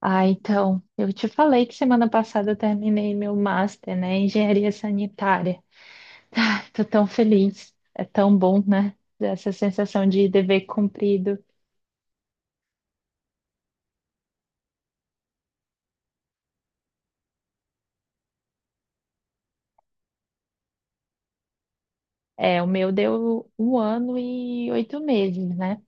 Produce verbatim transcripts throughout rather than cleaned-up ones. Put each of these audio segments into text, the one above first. Ah, então, eu te falei que semana passada eu terminei meu master, né, em engenharia sanitária. Ah, tô tão feliz. É tão bom, né? Essa sensação de dever cumprido. É, o meu deu um ano e oito meses, né?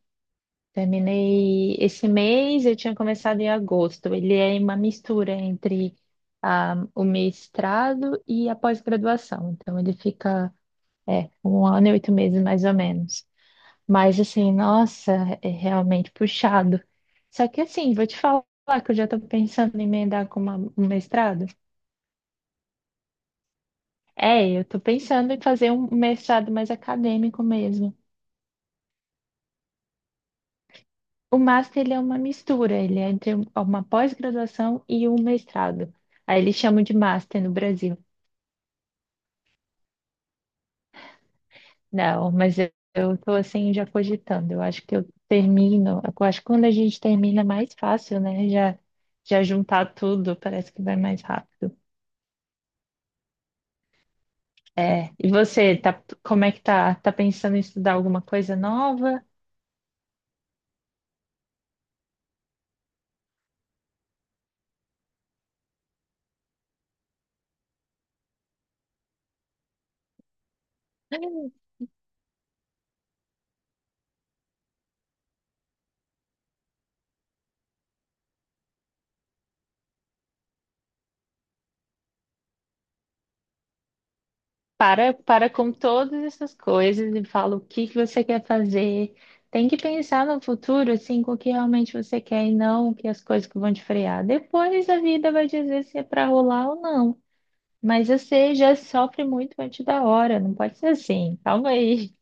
Terminei esse mês, eu tinha começado em agosto. Ele é uma mistura entre ah, o mestrado e a pós-graduação. Então, ele fica, é, um ano e oito meses mais ou menos. Mas assim, nossa, é realmente puxado. Só que assim, vou te falar que eu já estou pensando em emendar com uma- um mestrado. É, eu estou pensando em fazer um mestrado mais acadêmico mesmo. O master, ele é uma mistura, ele é entre um- uma pós-graduação e um mestrado. Aí eles chamam de master no Brasil. Não, mas eu estou assim já cogitando. Eu acho que eu termino, eu acho que quando a gente termina é mais fácil, né? Já, já juntar tudo, parece que vai mais rápido. É, e você, tá, como é que tá? Tá pensando em estudar alguma coisa nova? Para, para com todas essas coisas e fala o que que você quer fazer. Tem que pensar no futuro, assim, com o que realmente você quer e não que as coisas que vão te frear. Depois a vida vai dizer se é para rolar ou não. Mas você já sofre muito antes da hora, não pode ser assim. Calma aí.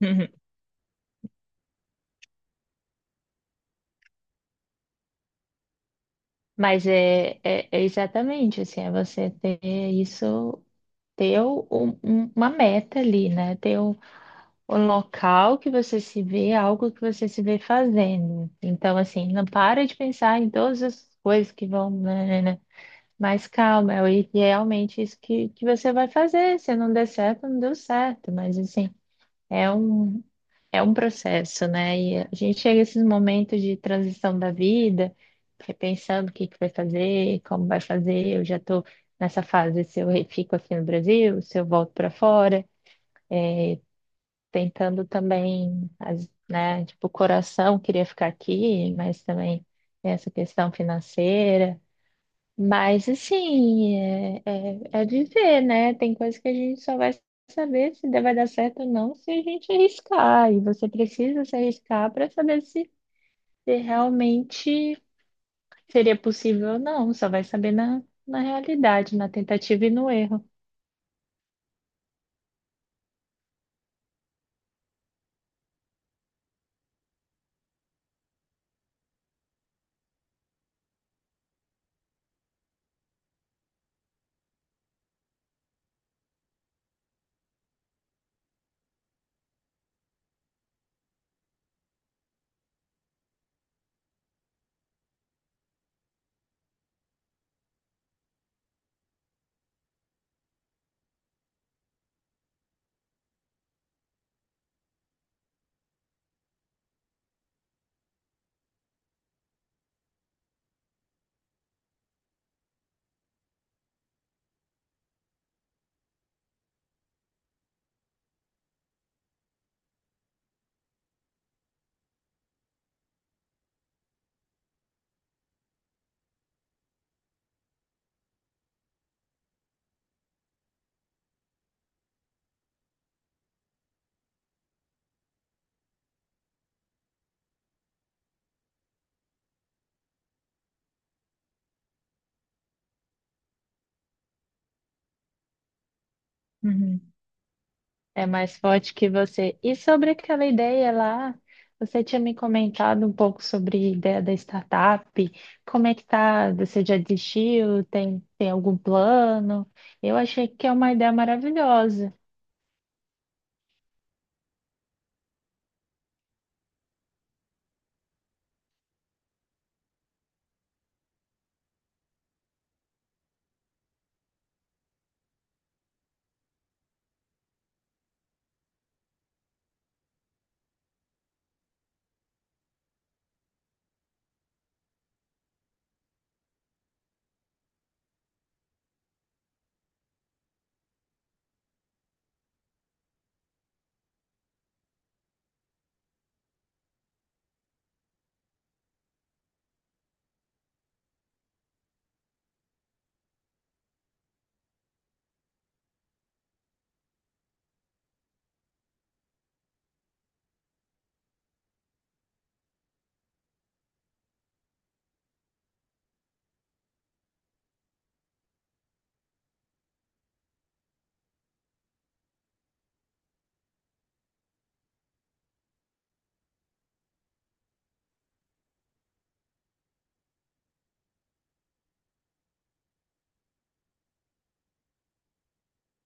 Mas é, é, é exatamente assim, é você ter isso, ter o- o- um- uma meta ali, né? Ter um o local que você se vê, algo que você se vê fazendo. Então, assim, não para de pensar em todas as coisas que vão, né, né, né. Mas calma, é o- realmente isso que, que você vai fazer. Se não der certo, não deu certo. Mas, assim, é um. É um processo, né? E a gente chega a esses momentos de transição da vida, repensando o que que vai fazer, como vai fazer. Eu já estou nessa fase, se eu re- fico aqui no Brasil, se eu volto para fora, tentando também, as- né? Tipo, o coração queria ficar aqui, mas também tem essa questão financeira. Mas assim, é, é, é de ver, né? Tem coisa que a gente só vai saber se vai dar certo ou não se a gente arriscar. E você precisa se arriscar para saber se, se realmente seria possível ou não. Só vai saber na, na realidade, na tentativa e no erro. Uhum. É mais forte que você. E sobre aquela ideia lá, você tinha me comentado um pouco sobre a ideia da startup. Como é que tá? Você já desistiu? Tem, tem algum plano? Eu achei que é uma ideia maravilhosa,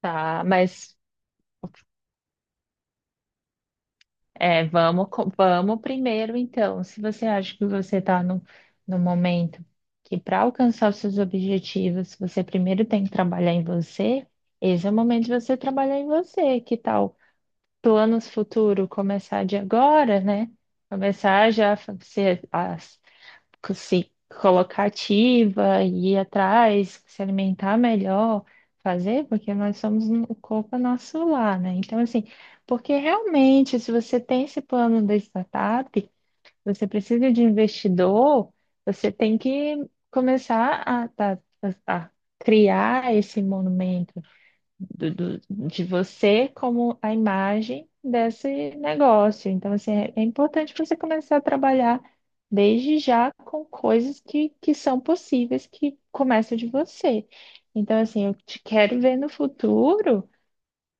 tá? Mas é, vamos, co- vamos primeiro, então. Se você acha que você está no, no momento que para alcançar os seus objetivos, você primeiro tem que trabalhar em você, esse é o momento de você trabalhar em você. Que tal planos futuro começar de agora, né? Começar já a fa- se, a co- se colocar ativa, ir atrás, se alimentar melhor, fazer, porque nós somos um- o corpo é nosso lar, né? Então, assim, porque realmente, se você tem esse plano da startup, você precisa de investidor, você tem que começar a, a a- a criar esse monumento do- do- de você como a imagem desse negócio. Então, assim, é, é importante você começar a trabalhar desde já com coisas que, que são possíveis, que começam de você. Então, assim, eu te quero ver no futuro,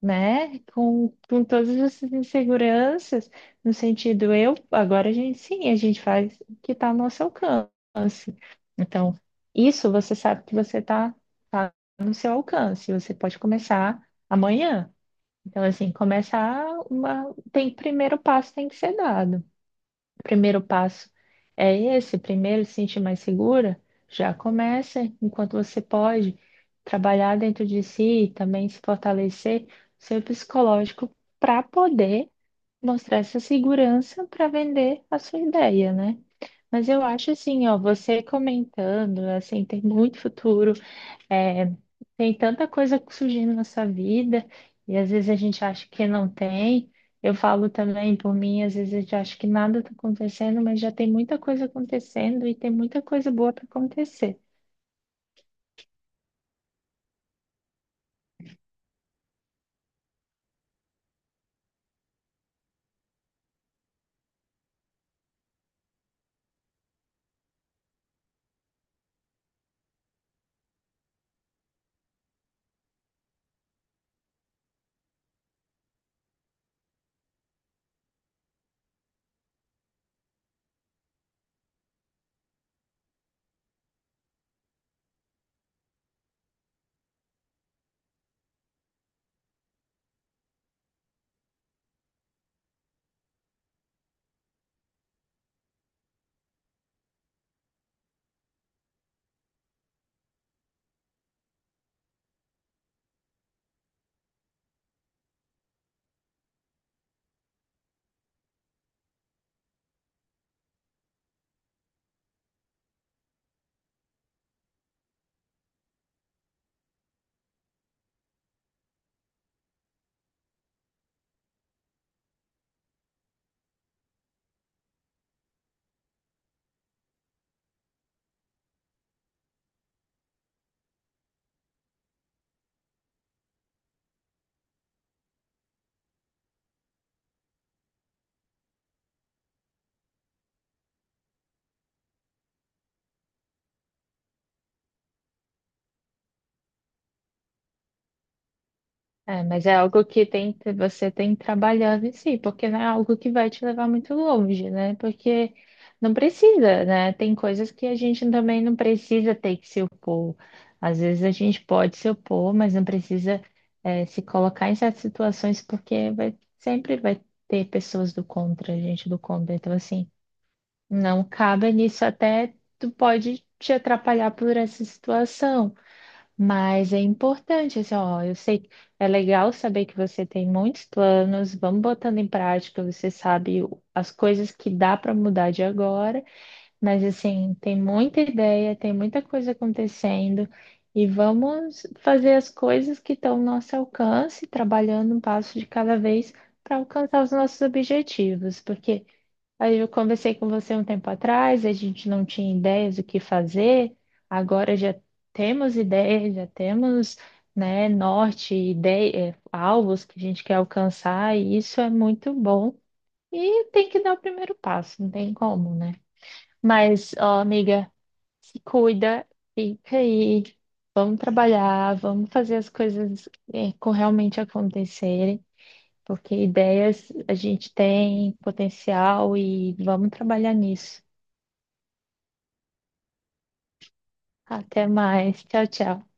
né? Com, com todas essas inseguranças, no sentido, eu, agora a gente sim, a gente faz o que está ao nosso alcance. Então, isso você sabe que você está, tá tá no seu alcance, você pode começar amanhã. Então, assim, começar uma, tem primeiro passo tem que ser dado. O primeiro passo é esse, primeiro se sentir mais segura, já começa enquanto você pode trabalhar dentro de si e também se fortalecer seu psicológico para poder mostrar essa segurança para vender a sua ideia, né? Mas eu acho assim, ó, você comentando, assim, tem muito futuro. É, tem tanta coisa surgindo na sua vida e às vezes a gente acha que não tem. Eu falo também por mim, às vezes a gente acha que nada está acontecendo, mas já tem muita coisa acontecendo e tem muita coisa boa para acontecer. É, mas é algo que tem, você tem que trabalhar em si, porque não é algo que vai te levar muito longe, né? Porque não precisa, né? Tem coisas que a gente também não precisa ter que se opor. Às vezes a gente pode se opor, mas não precisa, é, se colocar em certas situações, porque vai, sempre vai ter pessoas do contra, gente do contra. Então, assim, não cabe nisso, até tu pode te atrapalhar por essa situação. Mas é importante, assim, ó, eu sei, é legal saber que você tem muitos planos, vamos botando em prática, você sabe o- as coisas que dá para mudar de agora, mas assim, tem muita ideia, tem muita coisa acontecendo e vamos fazer as coisas que estão ao nosso alcance, trabalhando um passo de cada vez para alcançar os nossos objetivos, porque aí eu conversei com você um tempo atrás, a gente não tinha ideias do que fazer, agora já temos ideias, já temos, né, norte, ideia, eh, alvos que a gente quer alcançar, e isso é muito bom. E tem que dar o primeiro passo, não tem como, né? Mas, ó, amiga, se cuida, fica aí, vamos trabalhar, vamos fazer as coisas, eh, co- realmente acontecerem. Porque ideias a gente tem potencial e vamos trabalhar nisso. Até mais. Tchau, tchau.